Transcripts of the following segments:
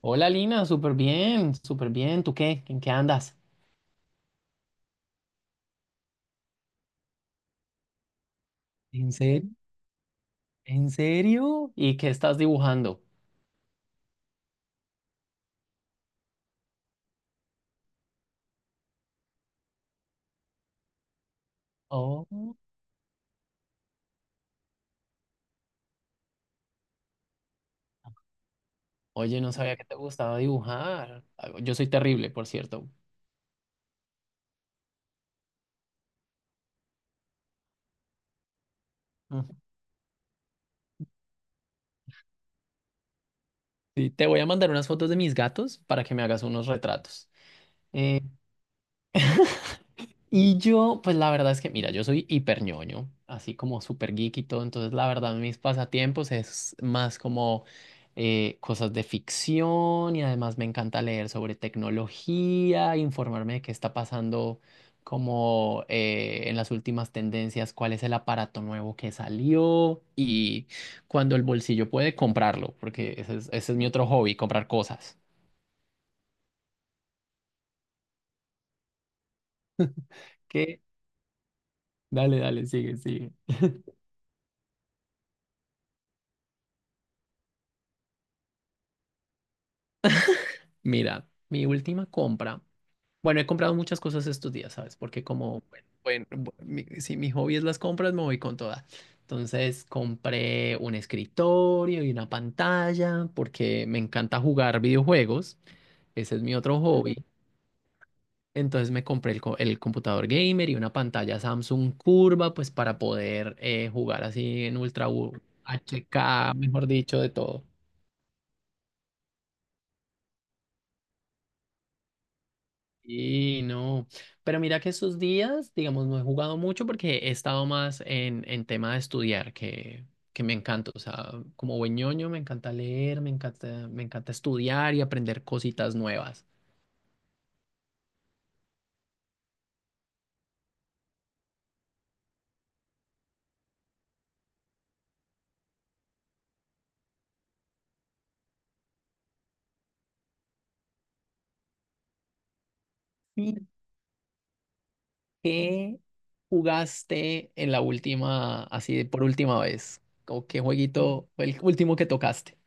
Hola Lina, súper bien, súper bien. ¿Tú qué? ¿En qué andas? ¿En serio? ¿En serio? ¿Y qué estás dibujando? Oh, oye, no sabía que te gustaba dibujar. Ah, yo soy terrible, por cierto. Ujú. Sí, te voy a mandar unas fotos de mis gatos para que me hagas unos retratos. Y yo, pues la verdad es que, mira, yo soy hiper ñoño, así como super geek y todo, entonces la verdad mis pasatiempos es más como cosas de ficción y además me encanta leer sobre tecnología, informarme de qué está pasando como en las últimas tendencias, cuál es el aparato nuevo que salió y cuando el bolsillo puede comprarlo, porque ese es mi otro hobby, comprar cosas. ¿Qué? Dale, dale, sigue, sigue. Mira, mi última compra. Bueno, he comprado muchas cosas estos días, ¿sabes? Porque como, bueno, bueno, si mi hobby es las compras, me voy con toda. Entonces compré un escritorio y una pantalla porque me encanta jugar videojuegos. Ese es mi otro hobby. Entonces me compré el computador gamer y una pantalla Samsung curva, pues para poder jugar así en Ultra HK, mejor dicho, de todo. Y no, pero mira que esos días, digamos, no he jugado mucho porque he estado más en tema de estudiar, que me encanta, o sea, como buen ñoño me encanta leer, me encanta estudiar y aprender cositas nuevas. ¿Y qué jugaste en la última, así de por última vez? ¿O qué jueguito fue el último que tocaste?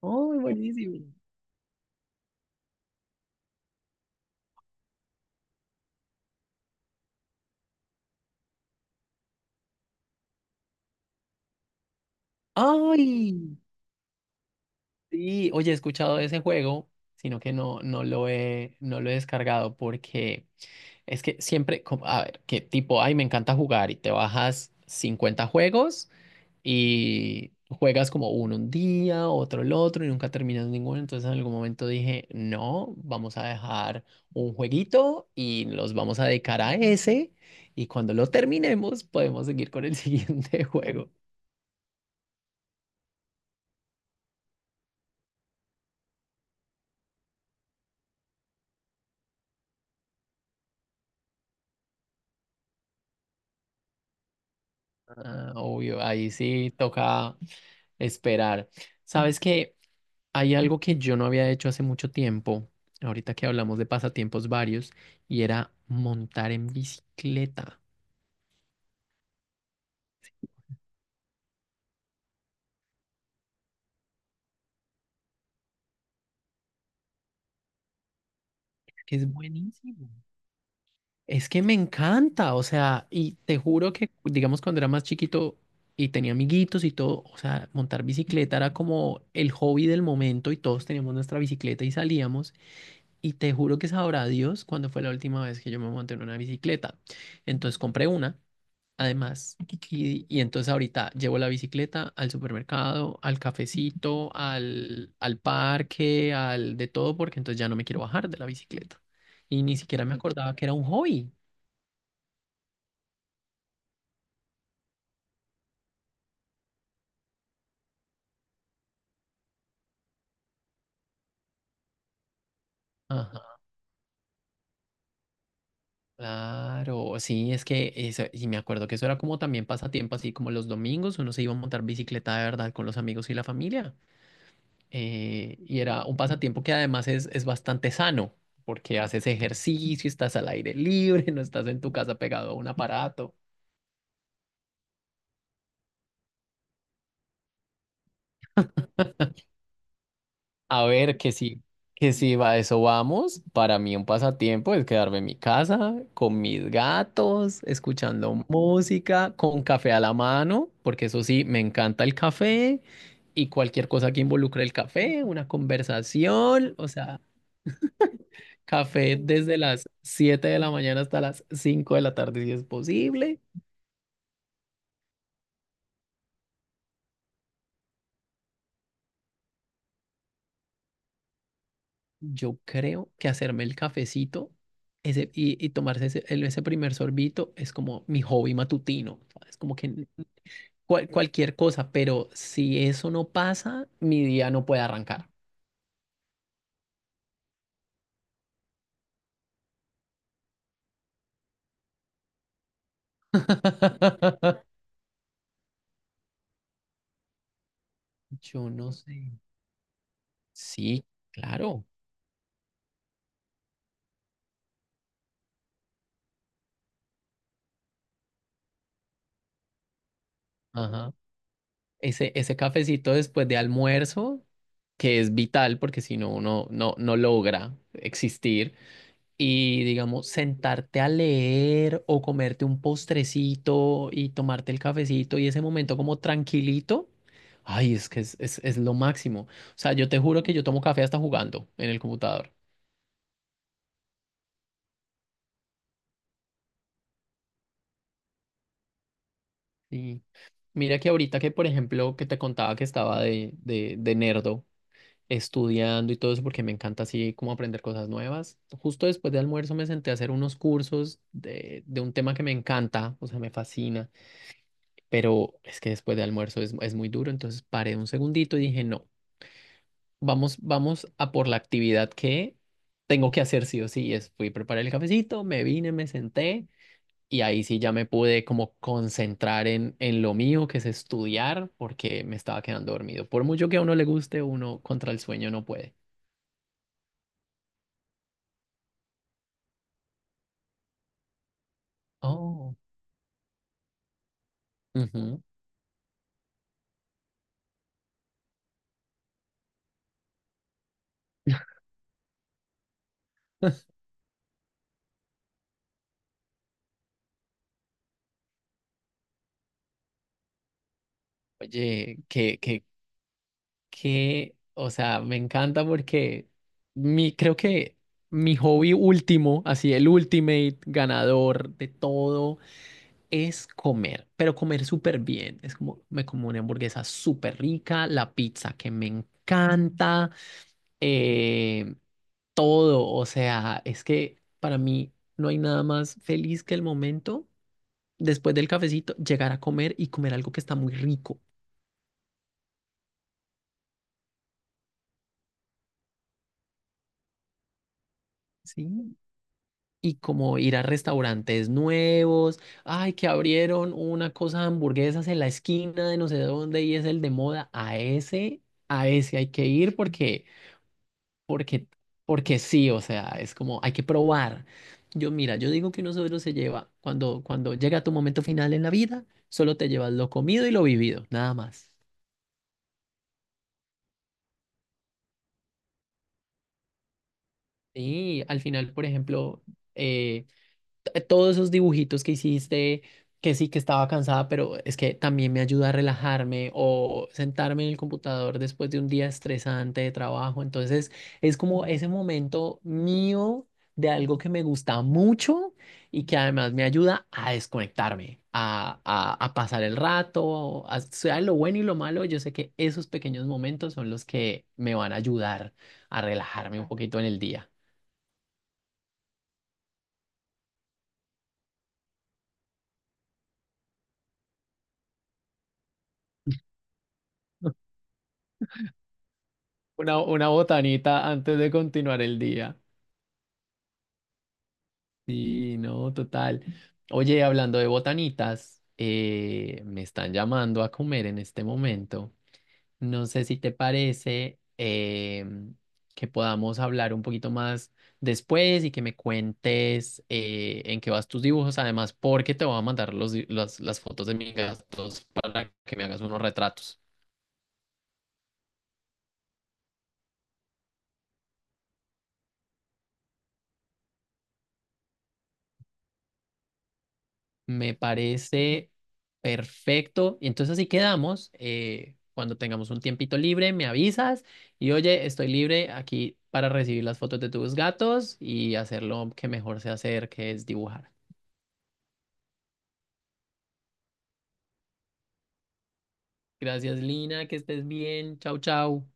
¡Ay, buenísimo! ¡Ay! Sí, oye, he escuchado de ese juego, sino que no lo he descargado porque... Es que siempre, a ver, que tipo, ay, me encanta jugar y te bajas 50 juegos y juegas como uno un día, otro el otro y nunca terminas ninguno. Entonces en algún momento dije, no, vamos a dejar un jueguito y los vamos a dedicar a ese y cuando lo terminemos podemos seguir con el siguiente juego. Ah, obvio, ahí sí toca esperar. ¿Sabes qué? Hay algo que yo no había hecho hace mucho tiempo, ahorita que hablamos de pasatiempos varios, y era montar en bicicleta, que es buenísimo. Es que me encanta, o sea, y te juro que, digamos, cuando era más chiquito y tenía amiguitos y todo, o sea, montar bicicleta era como el hobby del momento y todos teníamos nuestra bicicleta y salíamos, y te juro que sabrá Dios cuándo fue la última vez que yo me monté en una bicicleta. Entonces compré una. Además, y entonces ahorita llevo la bicicleta al supermercado, al cafecito, al parque, al de todo, porque entonces ya no me quiero bajar de la bicicleta. Y ni siquiera me acordaba que era un hobby. Ajá, claro, sí, es que eso, y me acuerdo que eso era como también pasatiempo, así como los domingos uno se iba a montar bicicleta de verdad con los amigos y la familia. Y era un pasatiempo que además es, bastante sano, porque haces ejercicio, estás al aire libre, no estás en tu casa pegado a un aparato. A ver, que sí, va, a eso vamos. Para mí un pasatiempo es quedarme en mi casa con mis gatos, escuchando música, con café a la mano, porque eso sí, me encanta el café y cualquier cosa que involucre el café, una conversación, o sea, café desde las 7 de la mañana hasta las 5 de la tarde si es posible. Yo creo que hacerme el cafecito ese, y tomarse ese primer sorbito es como mi hobby matutino, ¿sabes? Como que cualquier cosa, pero si eso no pasa, mi día no puede arrancar. Yo no sé. Sí, claro. Ajá. Ese cafecito después de almuerzo, que es vital porque si no, uno no logra existir. Y digamos, sentarte a leer o comerte un postrecito y tomarte el cafecito y ese momento como tranquilito. Ay, es que es, es lo máximo. O sea, yo te juro que yo tomo café hasta jugando en el computador. Sí. Mira que ahorita que, por ejemplo, que te contaba que estaba de nerdo estudiando y todo eso, porque me encanta así como aprender cosas nuevas. Justo después de almuerzo me senté a hacer unos cursos de un tema que me encanta, o sea, me fascina, pero es que después de almuerzo es, muy duro, entonces paré un segundito y dije, no, vamos, vamos a por la actividad que tengo que hacer sí o sí. Y fui a preparar el cafecito, me vine, me senté. Y ahí sí ya me pude como concentrar en lo mío, que es estudiar, porque me estaba quedando dormido. Por mucho que a uno le guste, uno contra el sueño no puede. Oh. Ujú. Oye, o sea, me encanta porque creo que mi hobby último, así el ultimate ganador de todo es comer, pero comer súper bien. Es como me como una hamburguesa súper rica, la pizza que me encanta, eh, todo. O sea, es que para mí no hay nada más feliz que el momento después del cafecito llegar a comer y comer algo que está muy rico, ¿sí? Y como ir a restaurantes nuevos, ay, que abrieron una cosa de hamburguesas en la esquina de no sé dónde y es el de moda, a ese hay que ir porque... porque, porque sí, o sea, es como hay que probar. Yo, mira, yo digo que uno solo se lleva, cuando llega tu momento final en la vida, solo te llevas lo comido y lo vivido, nada más. Sí, al final, por ejemplo, eh, todos esos dibujitos que hiciste, que sí que estaba cansada, pero es que también me ayuda a relajarme o sentarme en el computador después de un día estresante de trabajo. Entonces es como ese momento mío de algo que me gusta mucho y que además me ayuda a desconectarme, a pasar el rato, sea lo bueno y lo malo, yo sé que esos pequeños momentos son los que me van a ayudar a relajarme un poquito en el día. Una botanita antes de continuar el día. Sí, no, total. Oye, hablando de botanitas, me están llamando a comer en este momento. No sé si te parece que podamos hablar un poquito más después y que me cuentes en qué vas tus dibujos, además, porque te voy a mandar las fotos de mis gastos para que me hagas unos retratos. Me parece perfecto. Y entonces así quedamos. Cuando tengamos un tiempito libre, me avisas y oye, estoy libre aquí para recibir las fotos de tus gatos y hacer lo que mejor sé hacer, que es dibujar. Gracias, Lina, que estés bien. Chau, chau.